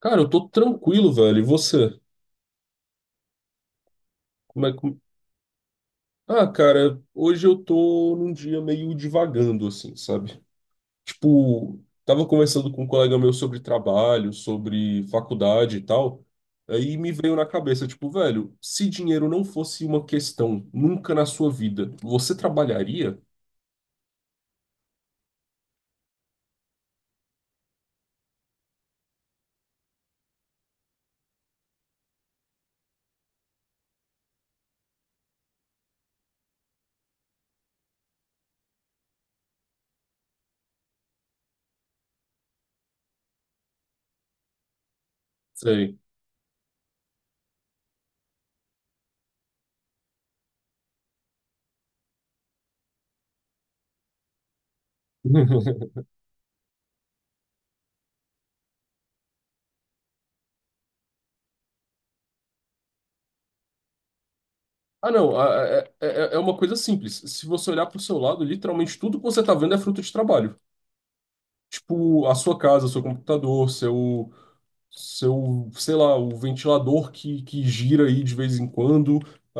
Cara, eu tô tranquilo, velho. E você? Como é que... Ah, cara, hoje eu tô num dia meio divagando, assim, sabe? Tipo, tava conversando com um colega meu sobre trabalho, sobre faculdade e tal. Aí me veio na cabeça, tipo, velho, se dinheiro não fosse uma questão nunca na sua vida, você trabalharia? Sei. Ah, não, é uma coisa simples. Se você olhar para o seu lado, literalmente tudo que você tá vendo é fruto de trabalho. Tipo, a sua casa, seu computador, seu, sei lá, o ventilador que gira aí de vez em quando, a,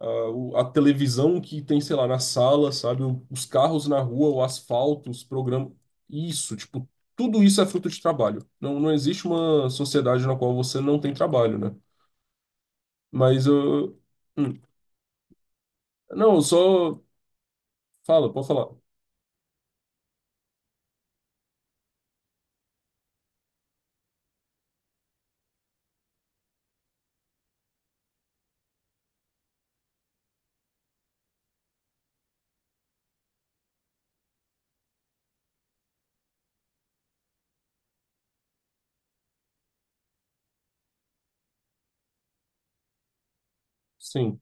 a televisão que tem, sei lá, na sala, sabe? Os carros na rua, o asfalto, os programas. Isso, tipo, tudo isso é fruto de trabalho. Não, não existe uma sociedade na qual você não tem trabalho, né? Mas eu. Hum. Não, eu só. Fala, pode falar. Sim.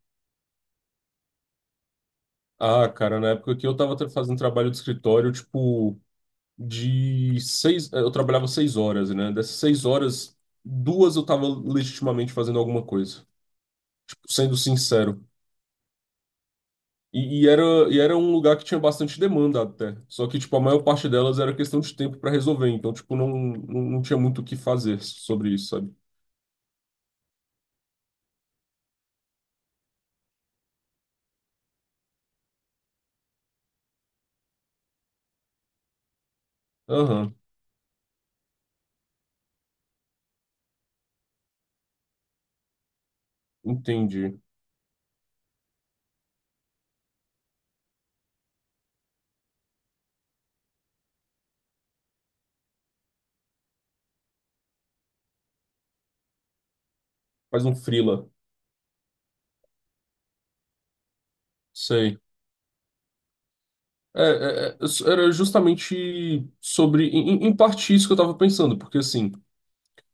Ah, cara, na época que eu tava fazendo trabalho de escritório, tipo. Eu trabalhava 6 horas, né? Dessas 6 horas, duas eu estava legitimamente fazendo alguma coisa, sendo sincero. E, e era, e era um lugar que tinha bastante demanda até. Só que, tipo, a maior parte delas era questão de tempo para resolver. Então, tipo, não tinha muito o que fazer sobre isso, sabe? Aham, entendi. Faz um freela. Sei. É, é, é, era justamente sobre, em parte isso que eu tava pensando, porque assim,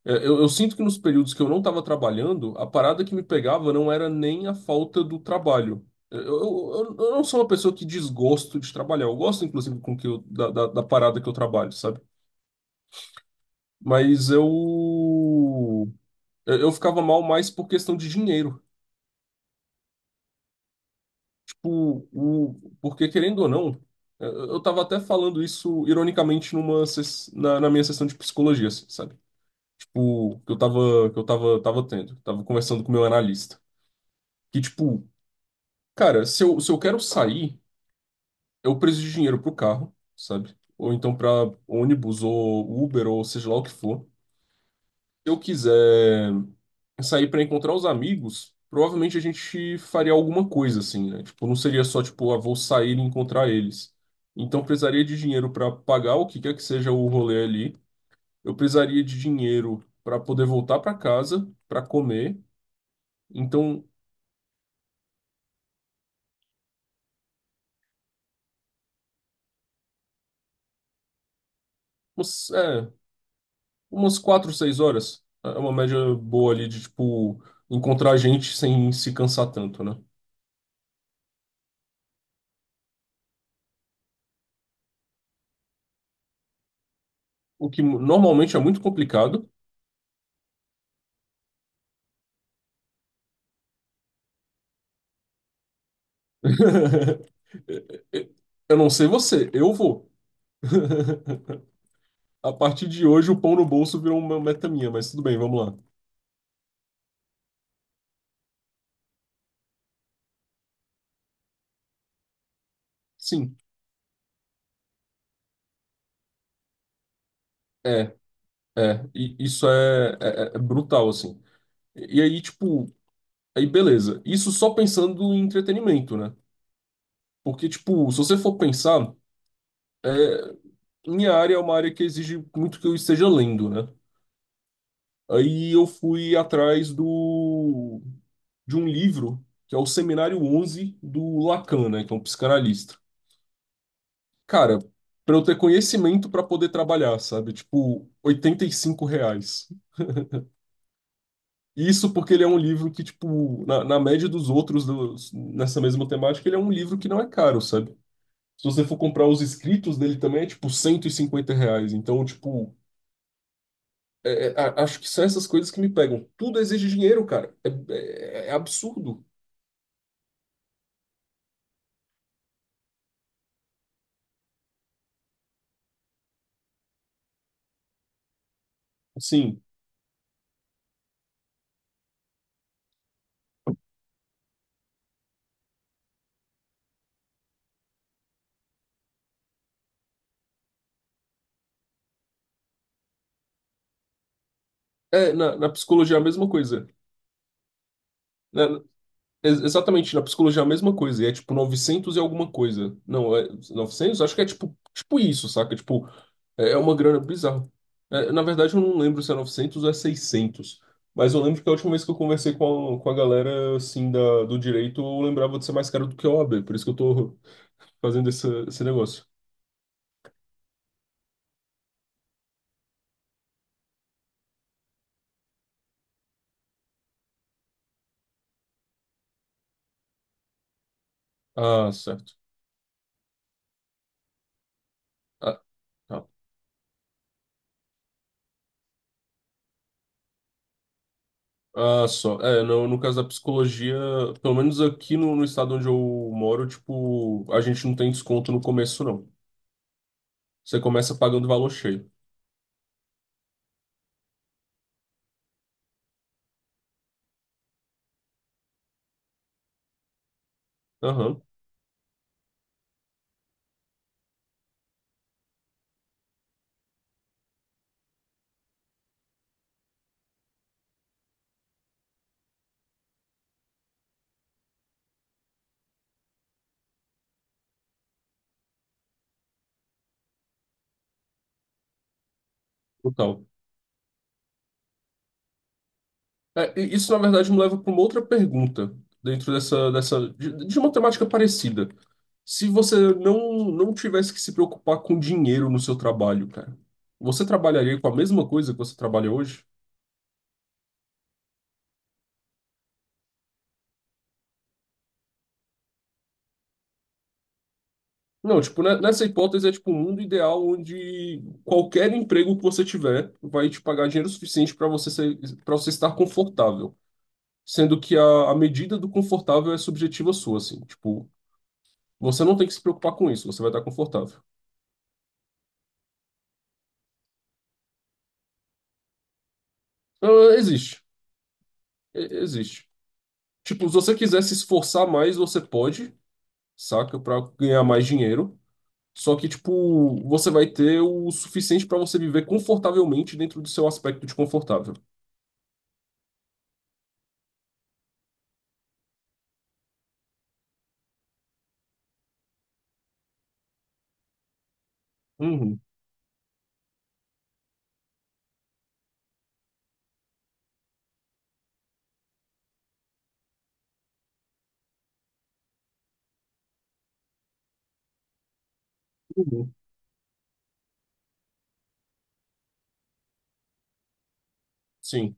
é, eu sinto que nos períodos que eu não estava trabalhando, a parada que me pegava não era nem a falta do trabalho. Eu não sou uma pessoa que desgosto de trabalhar. Eu gosto, inclusive, com que eu, da parada que eu trabalho, sabe? Mas eu, eu ficava mal mais por questão de dinheiro. Tipo, o, porque querendo ou não, eu tava até falando isso ironicamente na minha sessão de psicologia, assim, sabe? Tipo, que eu tava, tava tendo, tava conversando com o meu analista. Que, tipo, cara, se eu quero sair, eu preciso de dinheiro pro carro, sabe? Ou então pra ônibus ou Uber ou seja lá o que for. Se eu quiser sair pra encontrar os amigos, provavelmente a gente faria alguma coisa assim, né? Tipo, não seria só tipo, ah, vou sair e encontrar eles. Então precisaria de dinheiro pra pagar o que quer que seja o rolê ali. Eu precisaria de dinheiro pra poder voltar pra casa, pra comer. Então, é, umas quatro, seis horas. É uma média boa ali de, tipo, encontrar gente sem se cansar tanto, né? O que normalmente é muito complicado. Eu não sei você, eu vou. A partir de hoje, o pão no bolso virou uma meta minha, mas tudo bem, vamos lá. Sim, é, E isso é brutal, assim. E aí, tipo, aí beleza. Isso só pensando em entretenimento, né? Porque, tipo, se você for pensar, minha área é uma área que exige muito que eu esteja lendo, né? Aí eu fui atrás de um livro, que é o Seminário 11 do Lacan, né, que é um psicanalista. Cara, para eu ter conhecimento para poder trabalhar, sabe? Tipo, R$ 85. Isso porque ele é um livro que, tipo, na média dos outros nessa mesma temática, ele é um livro que não é caro, sabe? Se você for comprar os escritos dele também, é tipo R$ 150. Então, tipo, acho que são essas coisas que me pegam. Tudo exige dinheiro, cara. É, é absurdo. Sim. É, na psicologia é a mesma coisa. Na- na- exatamente, na psicologia é a mesma coisa. E é tipo 900 e alguma coisa. Não, é 900? Acho que é tipo isso, saca? Tipo, é, é uma grana bizarra. É, na verdade, eu não lembro se é 900 ou é 600. Mas eu lembro que a última vez que eu conversei com a galera, assim, do direito, eu lembrava de ser mais caro do que a OAB. Por isso que eu tô fazendo esse negócio. Ah, certo. Ah, Ah, só. É, no caso da psicologia, pelo menos aqui no estado onde eu moro, tipo, a gente não tem desconto no começo, não. Você começa pagando valor cheio. Aham, total. É, e isso, na verdade, me leva para uma outra pergunta, dentro de uma temática parecida. Se você não tivesse que se preocupar com dinheiro no seu trabalho, cara, você trabalharia com a mesma coisa que você trabalha hoje? Não, tipo, nessa hipótese é tipo um mundo ideal onde qualquer emprego que você tiver vai te pagar dinheiro suficiente para você ser, para você estar confortável, sendo que a medida do confortável é subjetiva sua, assim, tipo, você não tem que se preocupar com isso, você vai estar confortável. Ah, existe. Existe. Tipo, se você quiser se esforçar mais, você pode, saca, para ganhar mais dinheiro. Só que, tipo, você vai ter o suficiente para você viver confortavelmente dentro do seu aspecto de confortável. Uhum, uhum. Sim.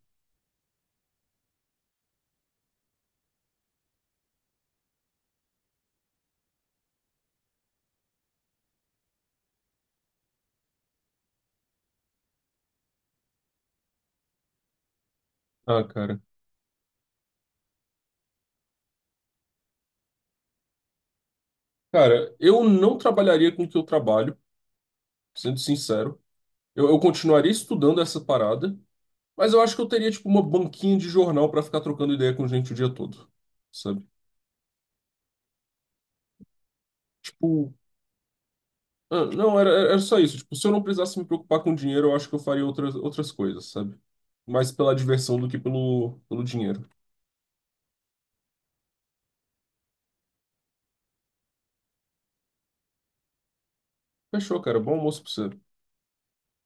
Ah, cara. Cara, eu não trabalharia com o que eu trabalho, sendo sincero. Eu continuaria estudando essa parada, mas eu acho que eu teria, tipo, uma banquinha de jornal pra ficar trocando ideia com gente o dia todo, sabe? Tipo, ah, não, era só isso. Tipo, se eu não precisasse me preocupar com dinheiro, eu acho que eu faria outras, outras coisas, sabe? Mais pela diversão do que pelo dinheiro. Fechou, cara. Bom almoço pra você.